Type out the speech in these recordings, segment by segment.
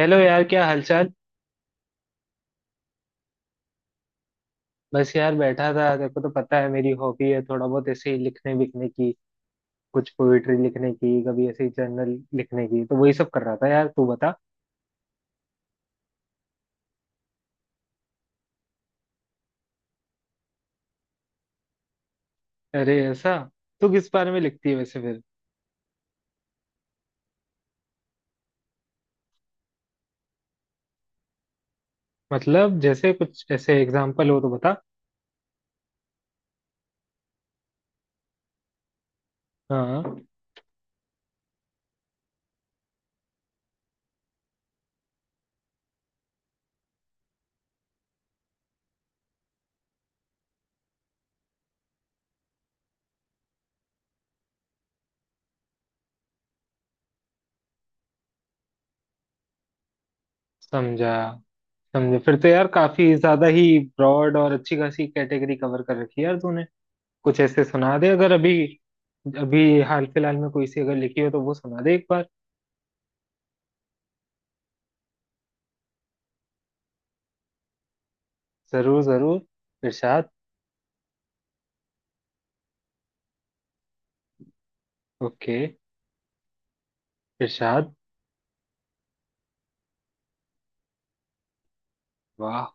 Hello यार, क्या हालचाल। बस यार बैठा था, देखो तो पता है मेरी हॉबी है थोड़ा बहुत ऐसे ही लिखने विखने की, कुछ पोइट्री लिखने की, कभी ऐसे ही जर्नल लिखने की, तो वही सब कर रहा था यार। तू बता। अरे ऐसा। तू किस बारे में लिखती है वैसे फिर? मतलब जैसे कुछ ऐसे एग्जाम्पल हो तो बता। हाँ। समझा समझा। फिर तो यार काफी ज्यादा ही ब्रॉड और अच्छी खासी कैटेगरी कवर कर रखी है यार तूने। कुछ ऐसे सुना दे अगर अभी। अभी हाल फिलहाल में कोई सी अगर लिखी हो तो वो सुना दे एक बार। जरूर जरूर। इरशाद। ओके। इरशाद। वाह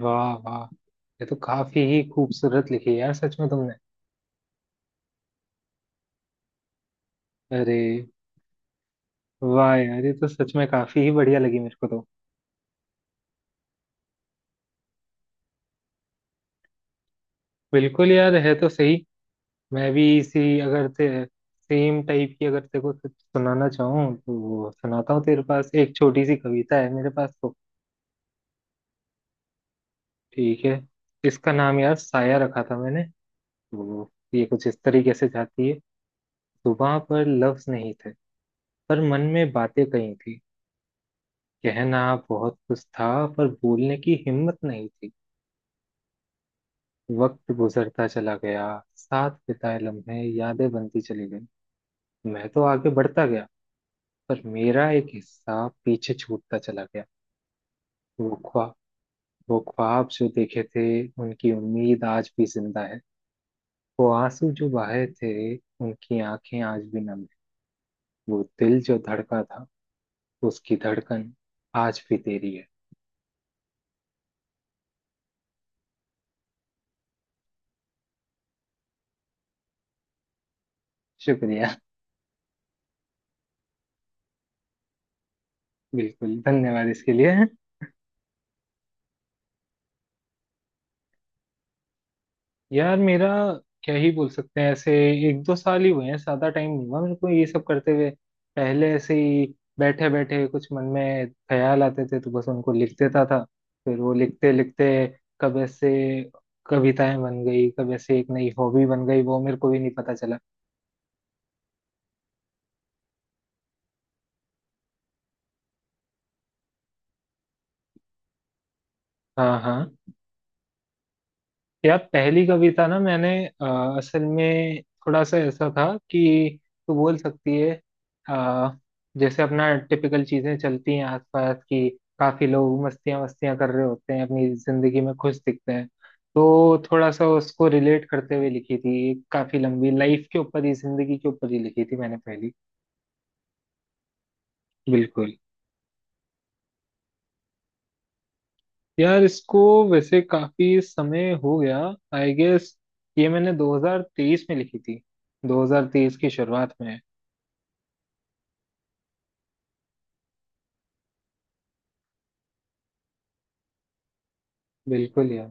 वाह वाह, ये तो काफी ही खूबसूरत लिखी है यार सच में तुमने। अरे वाह यार, ये तो सच में काफी ही बढ़िया लगी मेरे को तो। बिल्कुल यार, है तो सही। मैं भी इसी अगर ते सेम टाइप की अगर तेरे को कुछ सुनाना चाहूँ तो सुनाता हूँ। तेरे पास एक छोटी सी कविता है मेरे पास तो। ठीक है। इसका नाम यार साया रखा था मैंने। तो ये कुछ इस तरीके से जाती है। सुबह पर लफ्ज नहीं थे, पर मन में बातें कही थी। कहना बहुत कुछ था, पर बोलने की हिम्मत नहीं थी। वक्त गुजरता चला गया। साथ बिताए लम्हे यादें बनती चली गई। मैं तो आगे बढ़ता गया, पर मेरा एक हिस्सा पीछे छूटता चला गया। वो ख्वाब, वो ख्वाब जो देखे थे, उनकी उम्मीद आज भी जिंदा है। वो आंसू जो बहे थे, उनकी आंखें आज भी नम है। वो दिल जो धड़का था, उसकी धड़कन आज भी तेरी है। शुक्रिया। बिल्कुल, धन्यवाद इसके लिए। यार मेरा क्या ही बोल सकते हैं ऐसे, एक दो साल ही हुए हैं, ज्यादा टाइम नहीं हुआ मेरे को ये सब करते हुए। पहले ऐसे ही बैठे बैठे कुछ मन में ख्याल आते थे तो बस उनको लिख देता था। फिर वो लिखते लिखते कब ऐसे कविताएं बन गई, कब ऐसे एक नई हॉबी बन गई वो मेरे को भी नहीं पता चला। हाँ हाँ। यार पहली कविता ना मैंने असल में थोड़ा सा ऐसा था कि तू बोल सकती है, अ, जैसे अपना टिपिकल चीजें चलती हैं आसपास की। काफी लोग मस्तियां मस्तियां कर रहे होते हैं अपनी जिंदगी में, खुश दिखते हैं। तो थोड़ा सा उसको रिलेट करते हुए लिखी थी, एक काफी लंबी लाइफ के ऊपर ही, जिंदगी के ऊपर ही लिखी थी मैंने पहली। बिल्कुल। यार इसको वैसे काफी समय हो गया, आई गेस ये मैंने 2023 में लिखी थी, 2023 की शुरुआत में। बिल्कुल यार।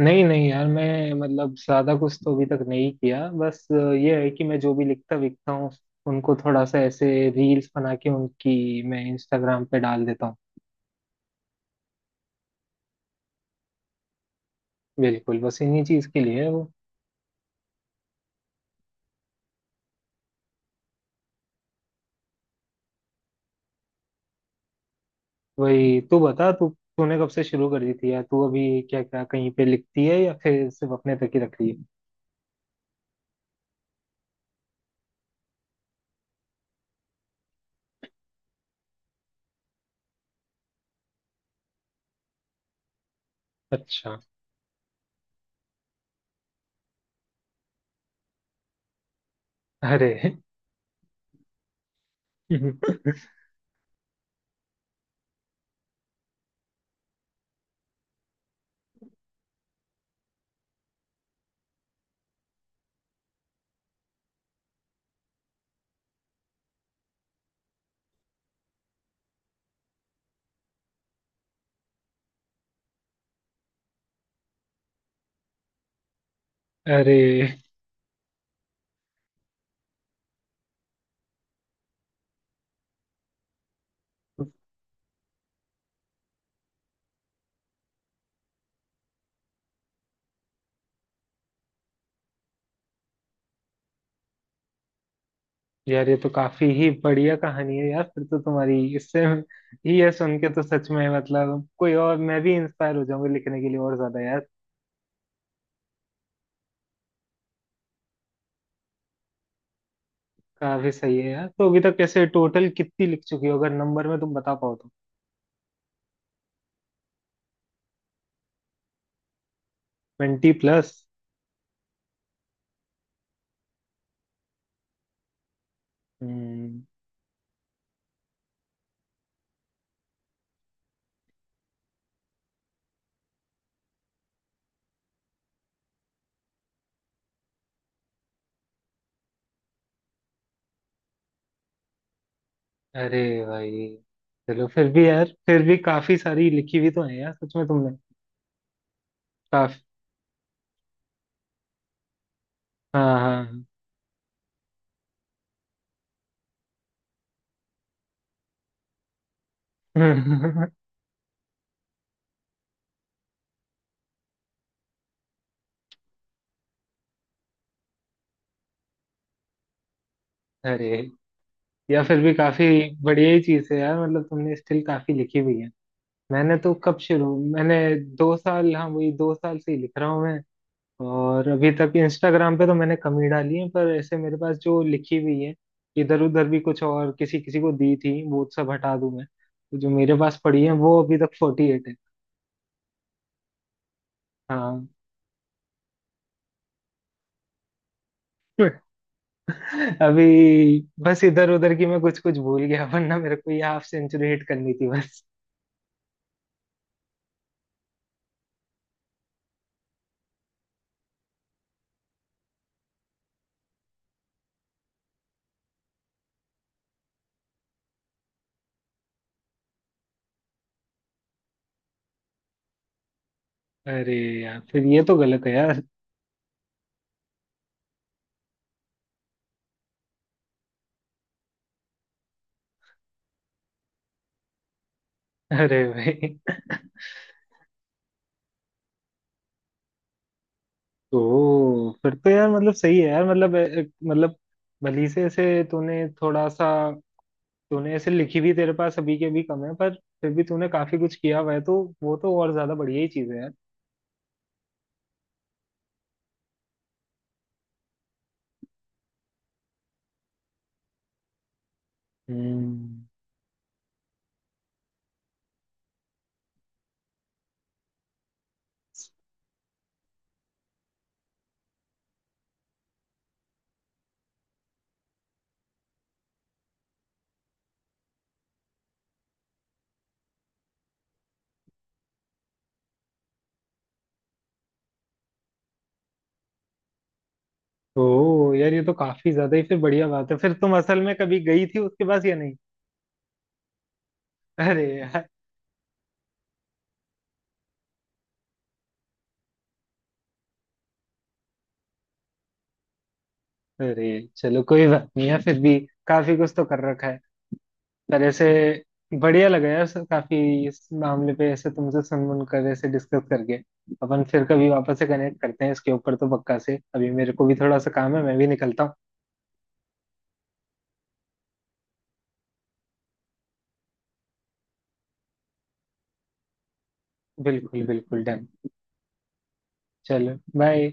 नहीं नहीं यार, मैं मतलब ज्यादा कुछ तो अभी तक नहीं किया, बस ये है कि मैं जो भी लिखता विकता हूँ उनको थोड़ा सा ऐसे रील्स बना के उनकी मैं इंस्टाग्राम पे डाल देता हूँ। बिल्कुल, बस इन्हीं चीज के लिए है वो। वही। तू बता। तू तूने कब से शुरू कर दी थी यार? तू अभी क्या क्या कहीं पे लिखती है या फिर सिर्फ अपने तक ही रख रही है? अच्छा। अरे। अरे यार, ये तो काफी ही बढ़िया कहानी है यार, फिर तो तुम्हारी इससे ही ये सुन के तो सच में मतलब कोई, और मैं भी इंस्पायर हो जाऊंगा लिखने के लिए और ज्यादा यार। काफी सही है यार। तो अभी तक कैसे टोटल कितनी लिख चुकी हो, अगर नंबर में तुम बता पाओ तो? 20+। हम्म। अरे भाई। चलो फिर भी यार, फिर भी काफी सारी लिखी हुई तो है यार सच में तुमने। काफी। हाँ हाँ। अरे, या फिर भी काफी बढ़िया ही चीज है यार, मतलब तुमने स्टिल काफी लिखी हुई है। मैंने तो कब शुरू। मैंने 2 साल, हाँ, वही 2 साल से ही लिख रहा हूँ मैं। और अभी तक इंस्टाग्राम पे तो मैंने कम ही डाली है, पर ऐसे मेरे पास जो लिखी हुई है, इधर उधर भी कुछ और किसी किसी को दी थी, वो सब हटा दूं मैं तो जो मेरे पास पड़ी है, वो अभी तक 48 है। हाँ। अभी बस इधर उधर की मैं कुछ कुछ भूल गया, वरना मेरे को ये हाफ सेंचुरी हिट करनी थी बस। अरे यार, फिर ये तो गलत है यार। अरे भाई। ओ फिर तो यार मतलब सही है यार, मतलब मतलब भली से ऐसे तूने थोड़ा सा, तूने ऐसे लिखी भी तेरे पास अभी के भी कम है, पर फिर भी तूने काफी कुछ किया हुआ है तो वो तो और ज्यादा बढ़िया ही चीज है यार। हम्म। ओ यार, ये तो काफी ज्यादा ही फिर बढ़िया बात है। फिर तुम असल में कभी गई थी उसके पास या नहीं? अरे यार। अरे चलो कोई बात नहीं है, फिर भी काफी कुछ तो कर रखा है यार ऐसे, बढ़िया लगा यार सर काफी इस मामले पे ऐसे तुमसे सुन सुन कर ऐसे डिस्कस करके। अपन फिर कभी वापस से कनेक्ट करते हैं इसके ऊपर तो पक्का से, अभी मेरे को भी थोड़ा सा काम है, मैं भी निकलता हूँ। बिल्कुल बिल्कुल डन। चलो बाय।